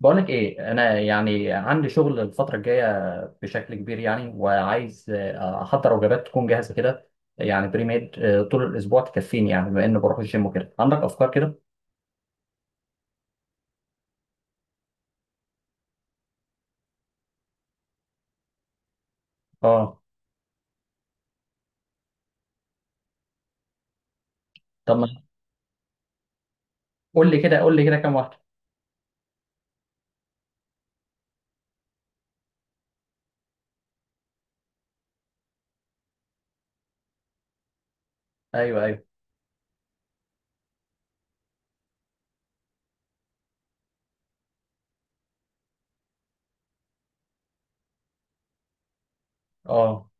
بقولك ايه؟ انا يعني عندي شغل الفتره الجايه بشكل كبير، يعني وعايز احضر وجبات تكون جاهزه كده، يعني بري ميد طول الاسبوع تكفيني، يعني بما اني بروح الجيم وكده. عندك افكار كده؟ اه، طب ما قول لي كده، كام واحده؟ ايوه ايوه. اه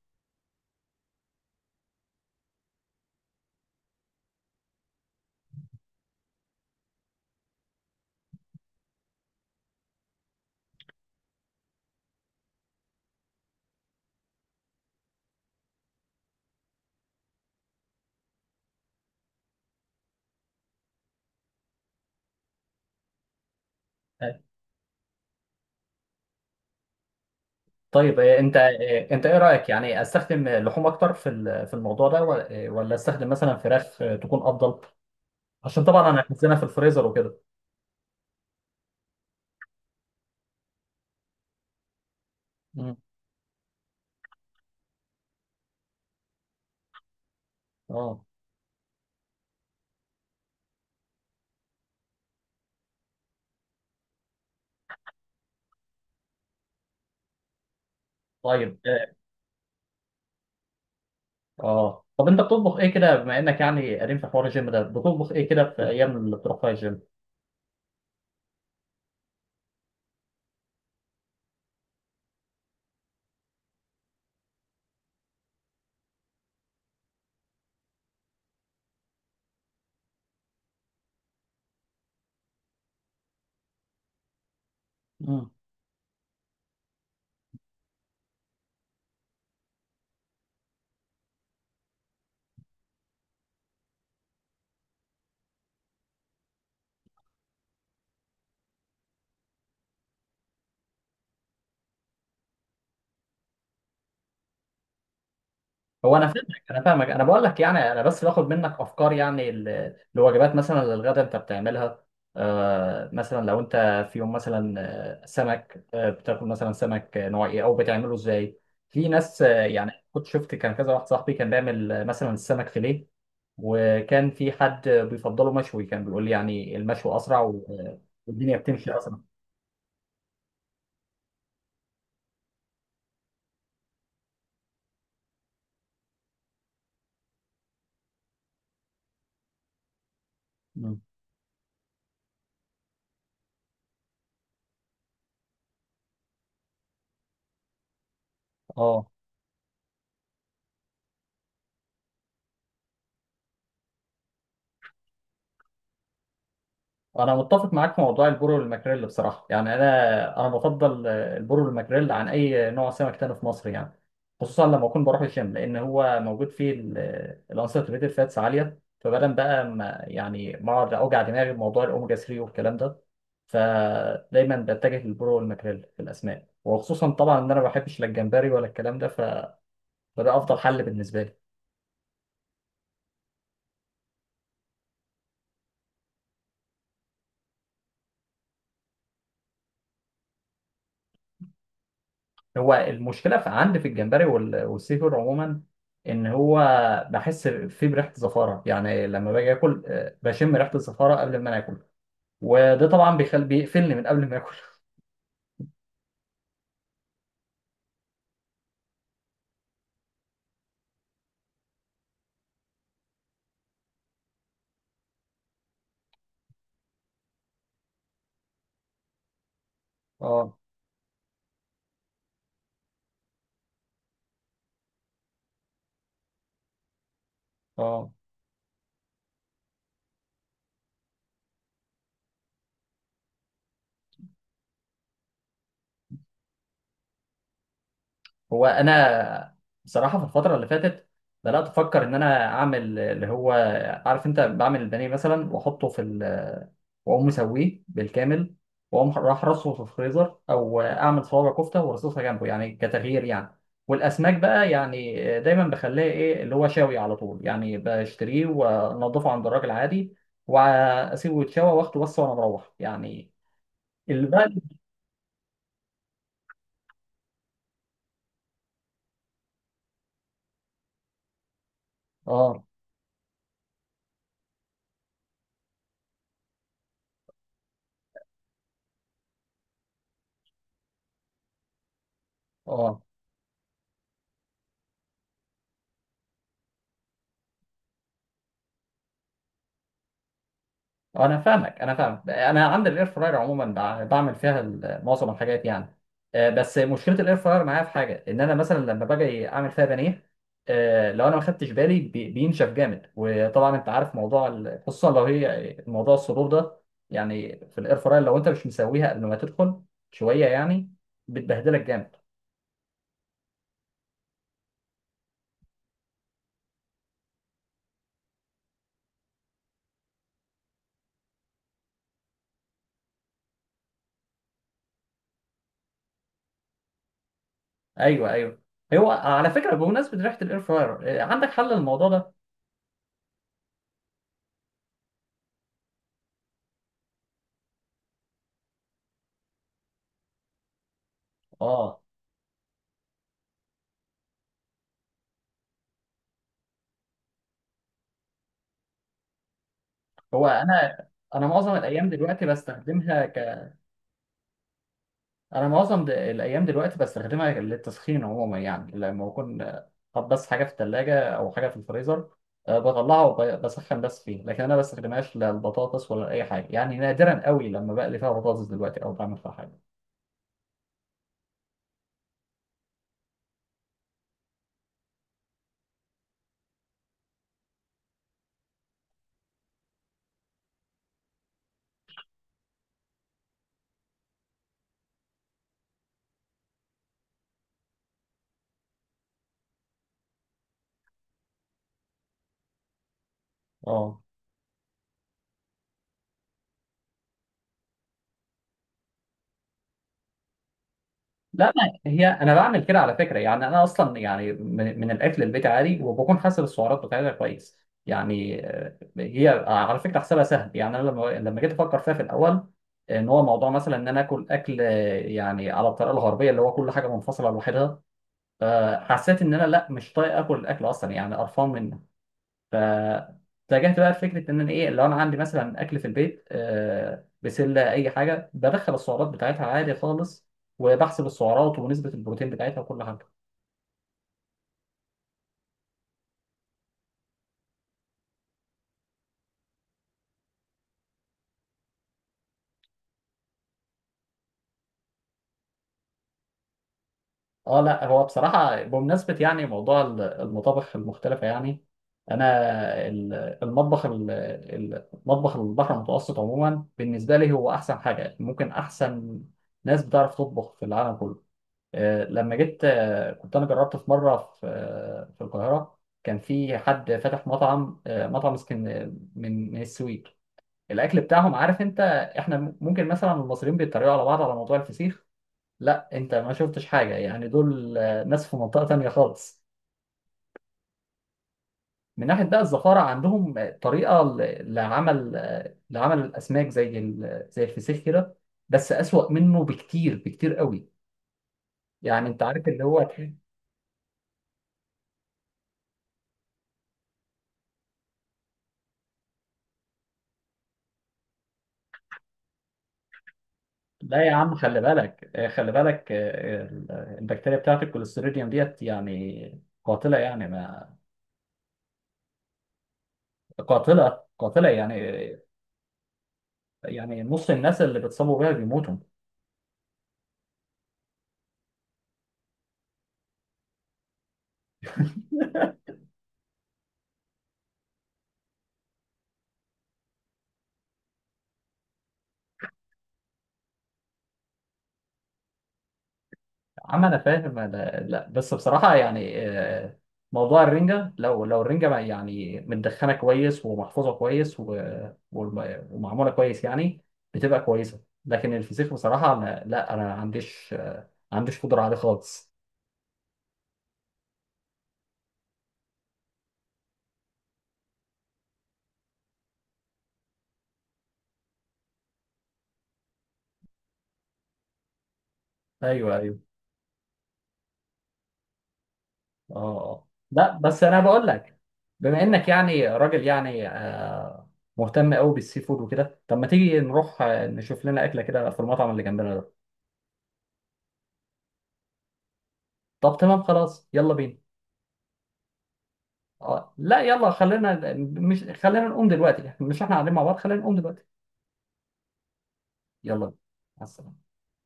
آه. طيب، انت ايه رايك؟ يعني استخدم لحوم اكتر في في الموضوع ده، ولا ولا استخدم مثلا فراخ تكون افضل؟ عشان طبعا انا هخزنها في الفريزر وكده. مم. اه، طيب اه طب انت بتطبخ ايه كده، بما انك يعني قديم في حوار الجيم ده؟ بتطبخ ايه كده في ايام اللي بتروح فيها الجيم؟ مم. هو انا فاهمك، انا بقول لك، يعني انا بس باخد منك افكار يعني لوجبات، مثلا للغدا انت بتعملها. آه، مثلا لو انت في يوم مثلا سمك، بتاكل مثلا سمك نوع ايه؟ او بتعمله ازاي؟ في ناس يعني كنت شفت، كان كذا واحد صاحبي كان بيعمل مثلا السمك فيليه، وكان في حد بيفضله مشوي، كان بيقول لي يعني المشوي اسرع والدنيا بتمشي اسرع. اه، انا متفق معاك في موضوع البورو والماكريل بصراحه، يعني انا بفضل البورو والماكريل عن اي نوع سمك تاني في مصر يعني، خصوصا لما اكون بروح الجيم، لان هو موجود فيه الانساتوريتد فاتس عاليه. فبدل بقى ما يعني ما اقعد اوجع دماغي بموضوع الاوميجا 3 والكلام ده، فدايما بتجه للبورو والماكريل في الاسماك، وخصوصا طبعا ان انا ما بحبش لا الجمبري ولا الكلام ده فده افضل حل بالنسبه لي. هو المشكله في عندي في الجمبري والسي فود عموما، ان هو بحس فيه بريحه زفاره، يعني لما باجي اكل بشم ريحه الزفاره قبل ما انا اكل، وده طبعا بيقفلني من قبل ما اكل. اه، اه. هو انا بصراحه في الفتره اللي فاتت بدات افكر ان انا اعمل اللي هو، عارف انت بعمل البانيه مثلا واحطه في ال، واقوم مسويه بالكامل، واقوم راح رصه في الفريزر، او اعمل صوابع كفته وارصصها جنبه يعني كتغيير يعني. والاسماك بقى يعني دايما بخليها ايه اللي هو شاوي على طول يعني، بشتريه وانضفه عند الراجل عادي، واسيبه يتشوى واخده بس وانا مروح يعني اللي بقى. اه، اه، انا فاهمك انا فاهم. انا عندي الاير فراير عموما، بعمل فيها معظم الحاجات يعني. آه، بس مشكله الاير فراير معايا في حاجه، ان انا مثلا لما باجي اعمل فيها بانيه، آه، لو انا ما خدتش بالي بينشف جامد، وطبعا انت عارف موضوع خصوصا لو هي موضوع الصدور ده، يعني في الاير فراير لو انت مش مسويها قبل ما تدخل شويه يعني، بتبهدلك جامد. ايوه ايوه. هو على فكره، بمناسبه ريحه الاير فراير عندك حل للموضوع ده؟ اه، هو انا انا معظم الايام دلوقتي بستخدمها. انا معظم الايام دلوقتي بستخدمها للتسخين عموما، يعني لما بكون حاطط بس حاجه في الثلاجه او حاجه في الفريزر، بطلعها وبسخن بس فيه. لكن انا بستخدمهاش لا البطاطس ولا اي حاجه، يعني نادرا قوي لما بقلي فيها بطاطس دلوقتي او بعمل فيها حاجه. اه، لا، ما هي انا بعمل كده على فكره يعني، انا اصلا يعني من الاكل البيت عادي، وبكون حاسب السعرات بتاعتها كويس. يعني هي على فكره حسابها سهل، يعني انا لما جيت افكر فيها في الاول، ان هو موضوع مثلا ان انا اكل يعني على الطريقه الغربيه اللي هو كل حاجه منفصله لوحدها، حسيت ان انا لا مش طايق اكل الاكل اصلا، يعني قرفان من. فاتجهت بقى لفكره ان انا ايه، لو انا عندي مثلا اكل في البيت بسله اي حاجه، بدخل السعرات بتاعتها عادي خالص، وبحسب السعرات ونسبه البروتين بتاعتها وكل حاجه. اه، لا هو بصراحه بمناسبه يعني موضوع المطابخ المختلفه يعني، انا ال- المطبخ مطبخ البحر المتوسط عموما بالنسبه لي هو احسن حاجه ممكن، احسن ناس بتعرف تطبخ في العالم كله. لما جيت كنت انا جربت في مره في في القاهره، كان في حد فاتح مطعم مطعم اسكن من السويد. الاكل بتاعهم عارف انت، احنا ممكن مثلا المصريين بيتريقوا على بعض على موضوع الفسيخ، لا انت ما شفتش حاجه، يعني دول ناس في منطقه تانية خالص. من ناحيه بقى الزفاره، عندهم طريقه لعمل لعمل الاسماك زي زي الفسيخ كده، بس اسوأ منه بكتير بكتير قوي. يعني انت عارف اللي هو، لا يا عم خلي بالك البكتيريا بتاعت الكوليستيريديوم ديت يعني قاتلة يعني، ما قاتلة قاتلة يعني، يعني نص الناس اللي بتصابوا بيها بيموتوا. يا عم انا فاهم، أنا لا بس بصراحة يعني موضوع الرنجة، لو الرنجة يعني متدخنة كويس ومحفوظة كويس ومعمولة كويس يعني، بتبقى كويسة. لكن الفسيخ بصراحة أنا لا انا ما عنديش قدرة عليه خالص. ايوه ايوه. اه آه. لا بس انا بقول لك، بما انك يعني راجل يعني مهتم قوي بالسي فود وكده، طب ما تيجي نروح نشوف لنا اكله كده في المطعم اللي جنبنا ده؟ طب تمام خلاص، يلا بينا. اه لا يلا، خلينا نقوم دلوقتي، مش احنا قاعدين مع بعض؟ خلينا نقوم دلوقتي. يلا بينا، مع السلامه.